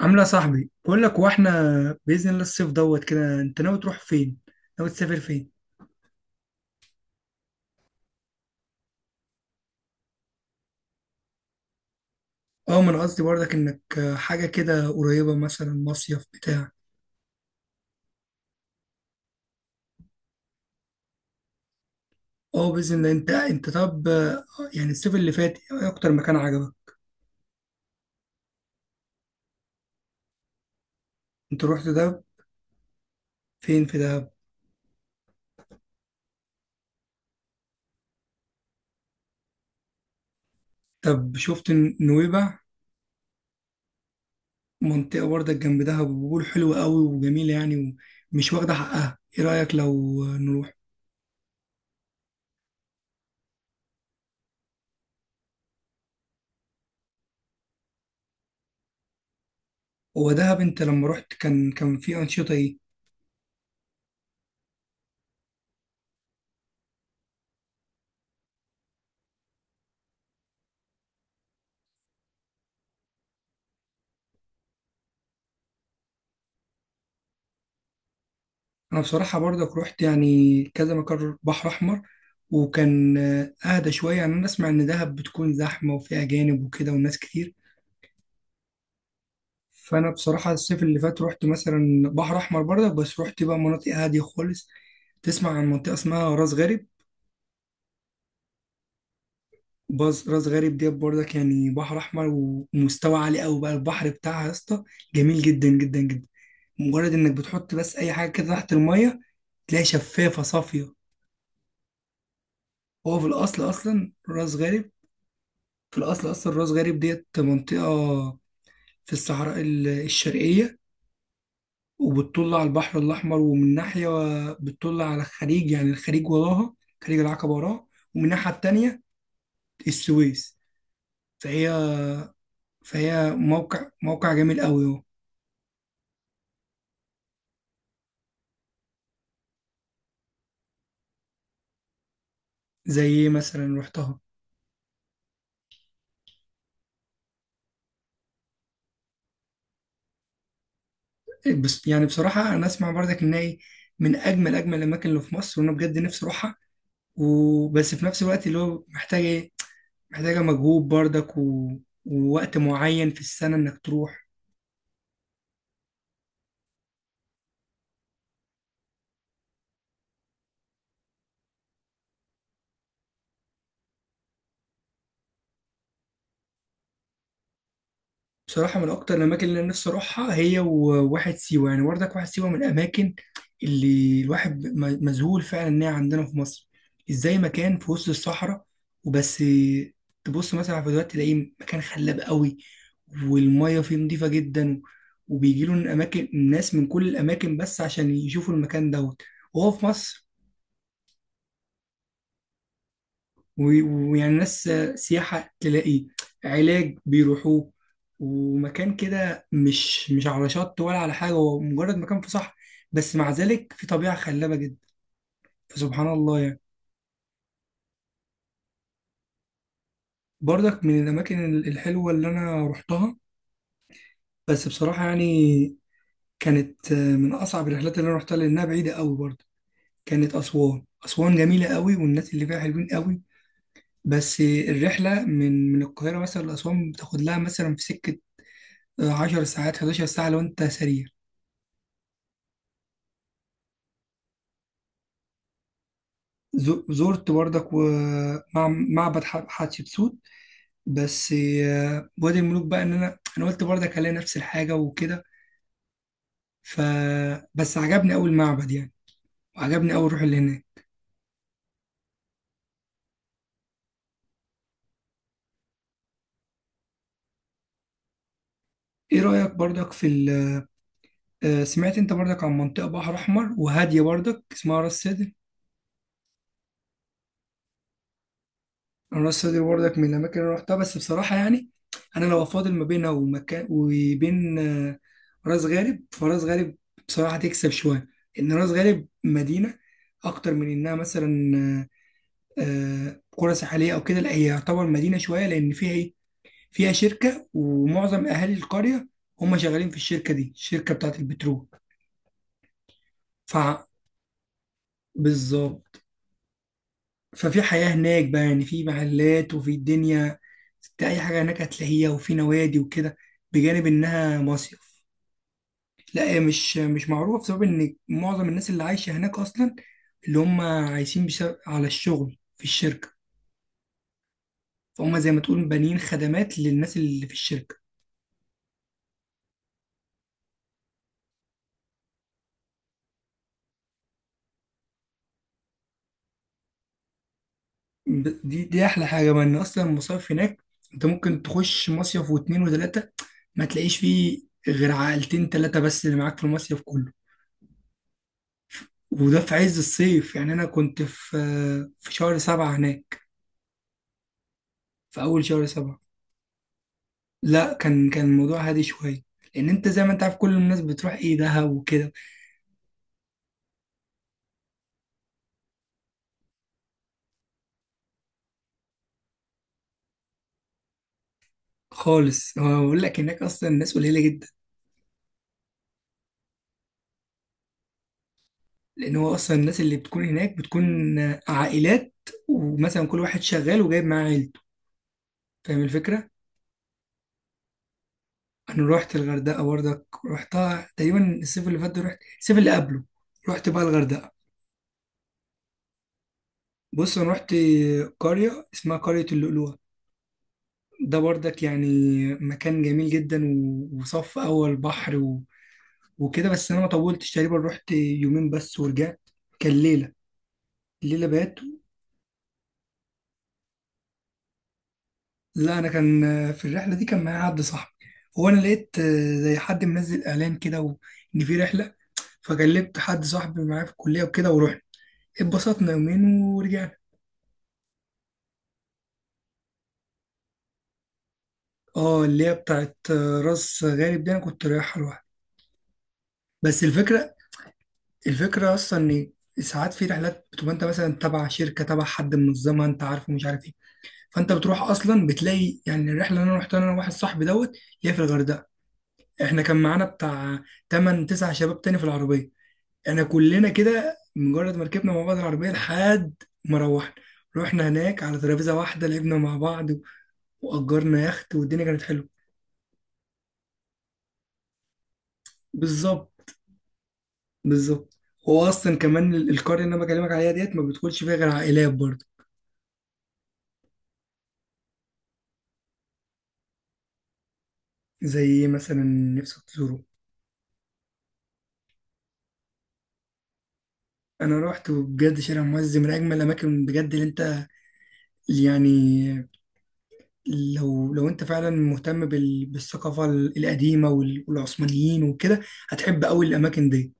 عامله يا صاحبي، بقول لك: واحنا باذن الله الصيف دوت كده. انت ناوي تروح فين؟ ناوي تسافر فين؟ اه، ما انا قصدي برضك انك حاجه كده قريبه، مثلا مصيف بتاع. اه، باذن الله. انت طب يعني الصيف اللي فات، ايه اكتر مكان عجبك؟ انت رحت دهب؟ فين في دهب؟ طب شفت نويبع؟ منطقه برضك جنب دهب، وبيقول حلوه قوي وجميله يعني، ومش واخده حقها. ايه رايك لو نروح؟ هو دهب انت لما رحت كان في انشطه ايه؟ انا بصراحه برضك رحت يعني كذا مكان بحر احمر، وكان اهدى شويه يعني. انا اسمع ان دهب بتكون زحمه وفيها اجانب وكده والناس كتير. فانا بصراحه الصيف اللي فات رحت مثلا بحر احمر برضك، بس رحت بقى مناطق هاديه خالص. تسمع عن منطقه اسمها راس غارب؟ باز، راس غارب دي برضك يعني بحر احمر، ومستوى عالي قوي بقى البحر بتاعها يا اسطى، جميل جدا جدا جدا. مجرد انك بتحط بس اي حاجه كده تحت الميه، تلاقي شفافه صافيه. هو في الاصل اصلا راس غارب، في الأصل أصلا راس غارب ديت منطقة في الصحراء الشرقية، وبتطل على البحر الأحمر. ومن ناحية بتطل على الخليج، يعني الخليج وراها، خليج العقبة وراها، ومن الناحية التانية السويس. فهي فهي موقع جميل قوي اهو. زي إيه مثلا رحتها؟ بس يعني بصراحة أنا أسمع برضك إن هي من أجمل أجمل الأماكن اللي في مصر، وأنا بجد نفسي أروحها. وبس في نفس الوقت اللي هو محتاجة إيه؟ محتاجة مجهود برضك ووقت معين في السنة إنك تروح. بصراحة من أكتر الأماكن اللي أنا نفسي أروحها هي وواحد سيوة يعني، وردك واحد سيوة من الأماكن اللي الواحد مذهول فعلا إنها عندنا في مصر. إزاي مكان في وسط الصحراء؟ وبس تبص مثلا على الفيديوهات تلاقيه مكان خلاب قوي، والمية فيه نظيفة جدا، وبيجيله من أماكن ناس من كل الأماكن بس عشان يشوفوا المكان دوت وهو في مصر. و- ويعني ناس سياحة تلاقي، علاج بيروحوه. ومكان كده مش على شط ولا على حاجة، هو مجرد مكان في صحراء، بس مع ذلك في طبيعة خلابة جدا. فسبحان الله يعني. برضك من الأماكن الحلوة اللي أنا رحتها، بس بصراحة يعني كانت من أصعب الرحلات اللي أنا رحتها لأنها بعيدة قوي برضه. كانت أسوان. أسوان جميلة قوي والناس اللي فيها حلوين قوي. بس الرحلة من القاهرة مثلا لأسوان بتاخد لها مثلا في سكة 10 ساعات، 11 ساعة لو أنت سريع. زرت برضك ومع معبد حتشبسوت بس. وادي الملوك بقى إن أنا قلت برضك هلاقي نفس الحاجة وكده. ف بس عجبني أوي المعبد يعني، وعجبني أوي الروح اللي هناك. إيه رأيك برضك في ال... آه، سمعت أنت برضك عن منطقة بحر أحمر وهادية برضك اسمها راس سدر؟ انا راس سدر برضك من الاماكن اللي رحتها، بس بصراحه يعني انا لو افاضل ما بينها ومكان وبين راس غارب، فراس غارب بصراحه تكسب شويه. ان راس غارب مدينه اكتر من انها مثلا قرى ساحليه او كده. لا هي يعتبر مدينه شويه، لان فيها ايه؟ فيها شركه، ومعظم اهالي القريه هم شغالين في الشركه دي، الشركه بتاعت البترول. ف بالظبط. ففي حياة هناك بقى يعني، في محلات وفي الدنيا، انت اي حاجة هناك هتلاقيها، وفي نوادي وكده، بجانب انها مصيف. لا هي مش معروفة بسبب ان معظم الناس اللي عايشة هناك اصلا، اللي هم عايشين بسبب على الشغل في الشركة. فهم زي ما تقول بانيين خدمات للناس اللي في الشركة. دي احلى حاجة بقى، ان اصلا المصايف هناك انت ممكن تخش مصيف واتنين وتلاتة ما تلاقيش فيه غير عائلتين تلاتة بس اللي معاك في المصيف كله. وده في عز الصيف يعني. أنا كنت في شهر سبعة هناك. في أول شهر سبعة. لا، كان الموضوع هادي شوية، لأن أنت زي ما أنت عارف كل الناس بتروح إيه دهب وكده. خالص. هو بقول لك هناك أصلا الناس قليلة جدا، لأن أصلا الناس اللي بتكون هناك بتكون عائلات، ومثلا كل واحد شغال وجايب معاه عيلته. فاهم الفكرة؟ أنا رحت الغردقة برضك، رحتها تقريبا الصيف اللي فات ده، رحت الصيف اللي قبله. رحت بقى الغردقة. بص، أنا رحت قرية اسمها قرية اللؤلؤة. ده برضك يعني مكان جميل جدا، وصف أول بحر وكده. بس أنا ما طولتش، تقريبا رحت يومين بس ورجعت. كان ليلة، الليلة بات. لا أنا كان في الرحلة دي كان معايا حد صاحبي. هو أنا لقيت زي حد منزل إعلان كده إن في رحلة، فكلمت حد صاحبي معايا في الكلية وكده ورحنا. اتبسطنا يومين ورجعنا. اه، اللي هي بتاعت راس غارب دي أنا كنت رايحها لوحدي. بس الفكرة أصلا إن ساعات في رحلات بتبقى أنت مثلا تبع شركة، تبع حد منظمها أنت عارفه مش عارف إيه. فأنت بتروح أصلا بتلاقي يعني. الرحلة اللي أنا رحتها أنا وواحد صاحبي دوت اللي هي في الغردقة، إحنا كان معانا بتاع 8 9 شباب تاني في العربية. إحنا كلنا كده مجرد ما ركبنا مع بعض العربية لحد ما روحنا، رحنا هناك على ترابيزة واحدة لعبنا مع بعض، وأجرنا يخت، والدنيا كانت حلوة. بالظبط بالظبط. هو أصلا كمان القرية اللي أنا بكلمك عليها ديت ما بتدخلش فيها غير عائلات برضه. زي ايه مثلا نفسك تزوره؟ انا روحت وبجد شارع المعز من اجمل الاماكن بجد، اللي انت، اللي يعني، لو انت فعلا مهتم بالثقافه القديمه والعثمانيين وكده، هتحب قوي الاماكن دي.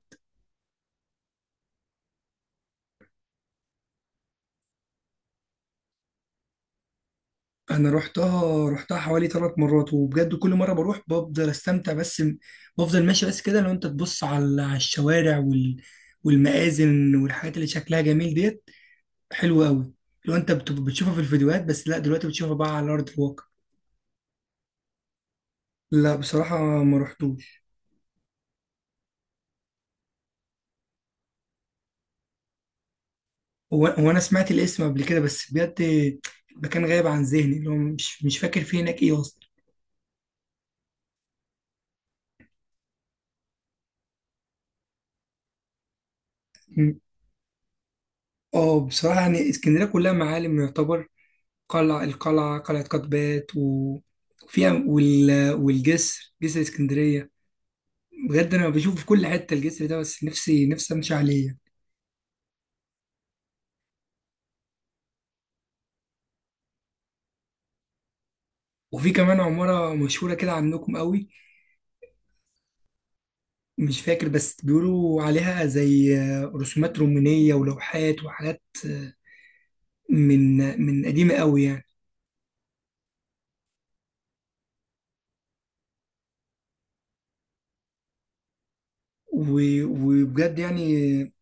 انا روحتها حوالي ثلاث مرات وبجد كل مره بروح بفضل استمتع، بس بفضل ماشي بس كده. لو انت تبص على الشوارع والمآذن والحاجات اللي شكلها جميل ديت، حلوه قوي. لو انت بتشوفها في الفيديوهات بس، لا دلوقتي بتشوفها بقى على ارض الواقع. لا بصراحة ما رحتوش. هو أنا سمعت الاسم قبل كده بس بجد المكان غايب عن ذهني، اللي هو مش فاكر فيه هناك إيه أصلا. مم. اه، بصراحة يعني اسكندرية كلها معالم يعتبر. القلعة، قلعة قطبات، وفيها والجسر، جسر اسكندرية. بجد أنا بشوف في كل حتة الجسر ده، بس نفسي أمشي عليه. وفي كمان عمارة مشهورة كده عندكم قوي. مش فاكر، بس بيقولوا عليها زي رسومات رومانية ولوحات وحاجات، من من قديمة قوي يعني. وبجد يعني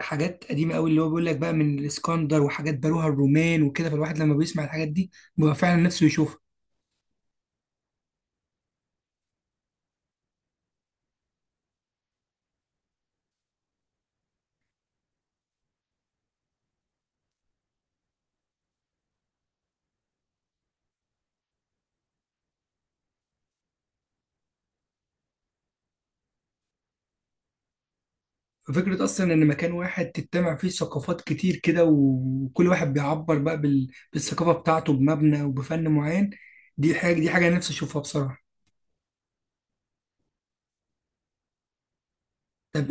حاجات قديمة قوي اللي هو بيقول لك بقى من الإسكندر، وحاجات بنوها الرومان وكده، فالواحد لما بيسمع الحاجات دي بيبقى فعلا نفسه يشوفها. ففكرة أصلا إن مكان واحد تجتمع فيه ثقافات كتير كده، وكل واحد بيعبر بقى بالثقافة بتاعته بمبنى وبفن معين. دي حاجة أنا نفسي أشوفها بصراحة. طب،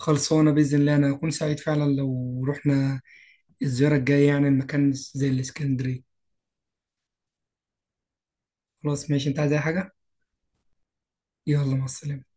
خلصانة بإذن الله. أنا هكون سعيد فعلا لو رحنا الزيارة الجاية يعني المكان زي الإسكندرية. خلاص ماشي. أنت عايز أي حاجة؟ يلا، مع السلامة.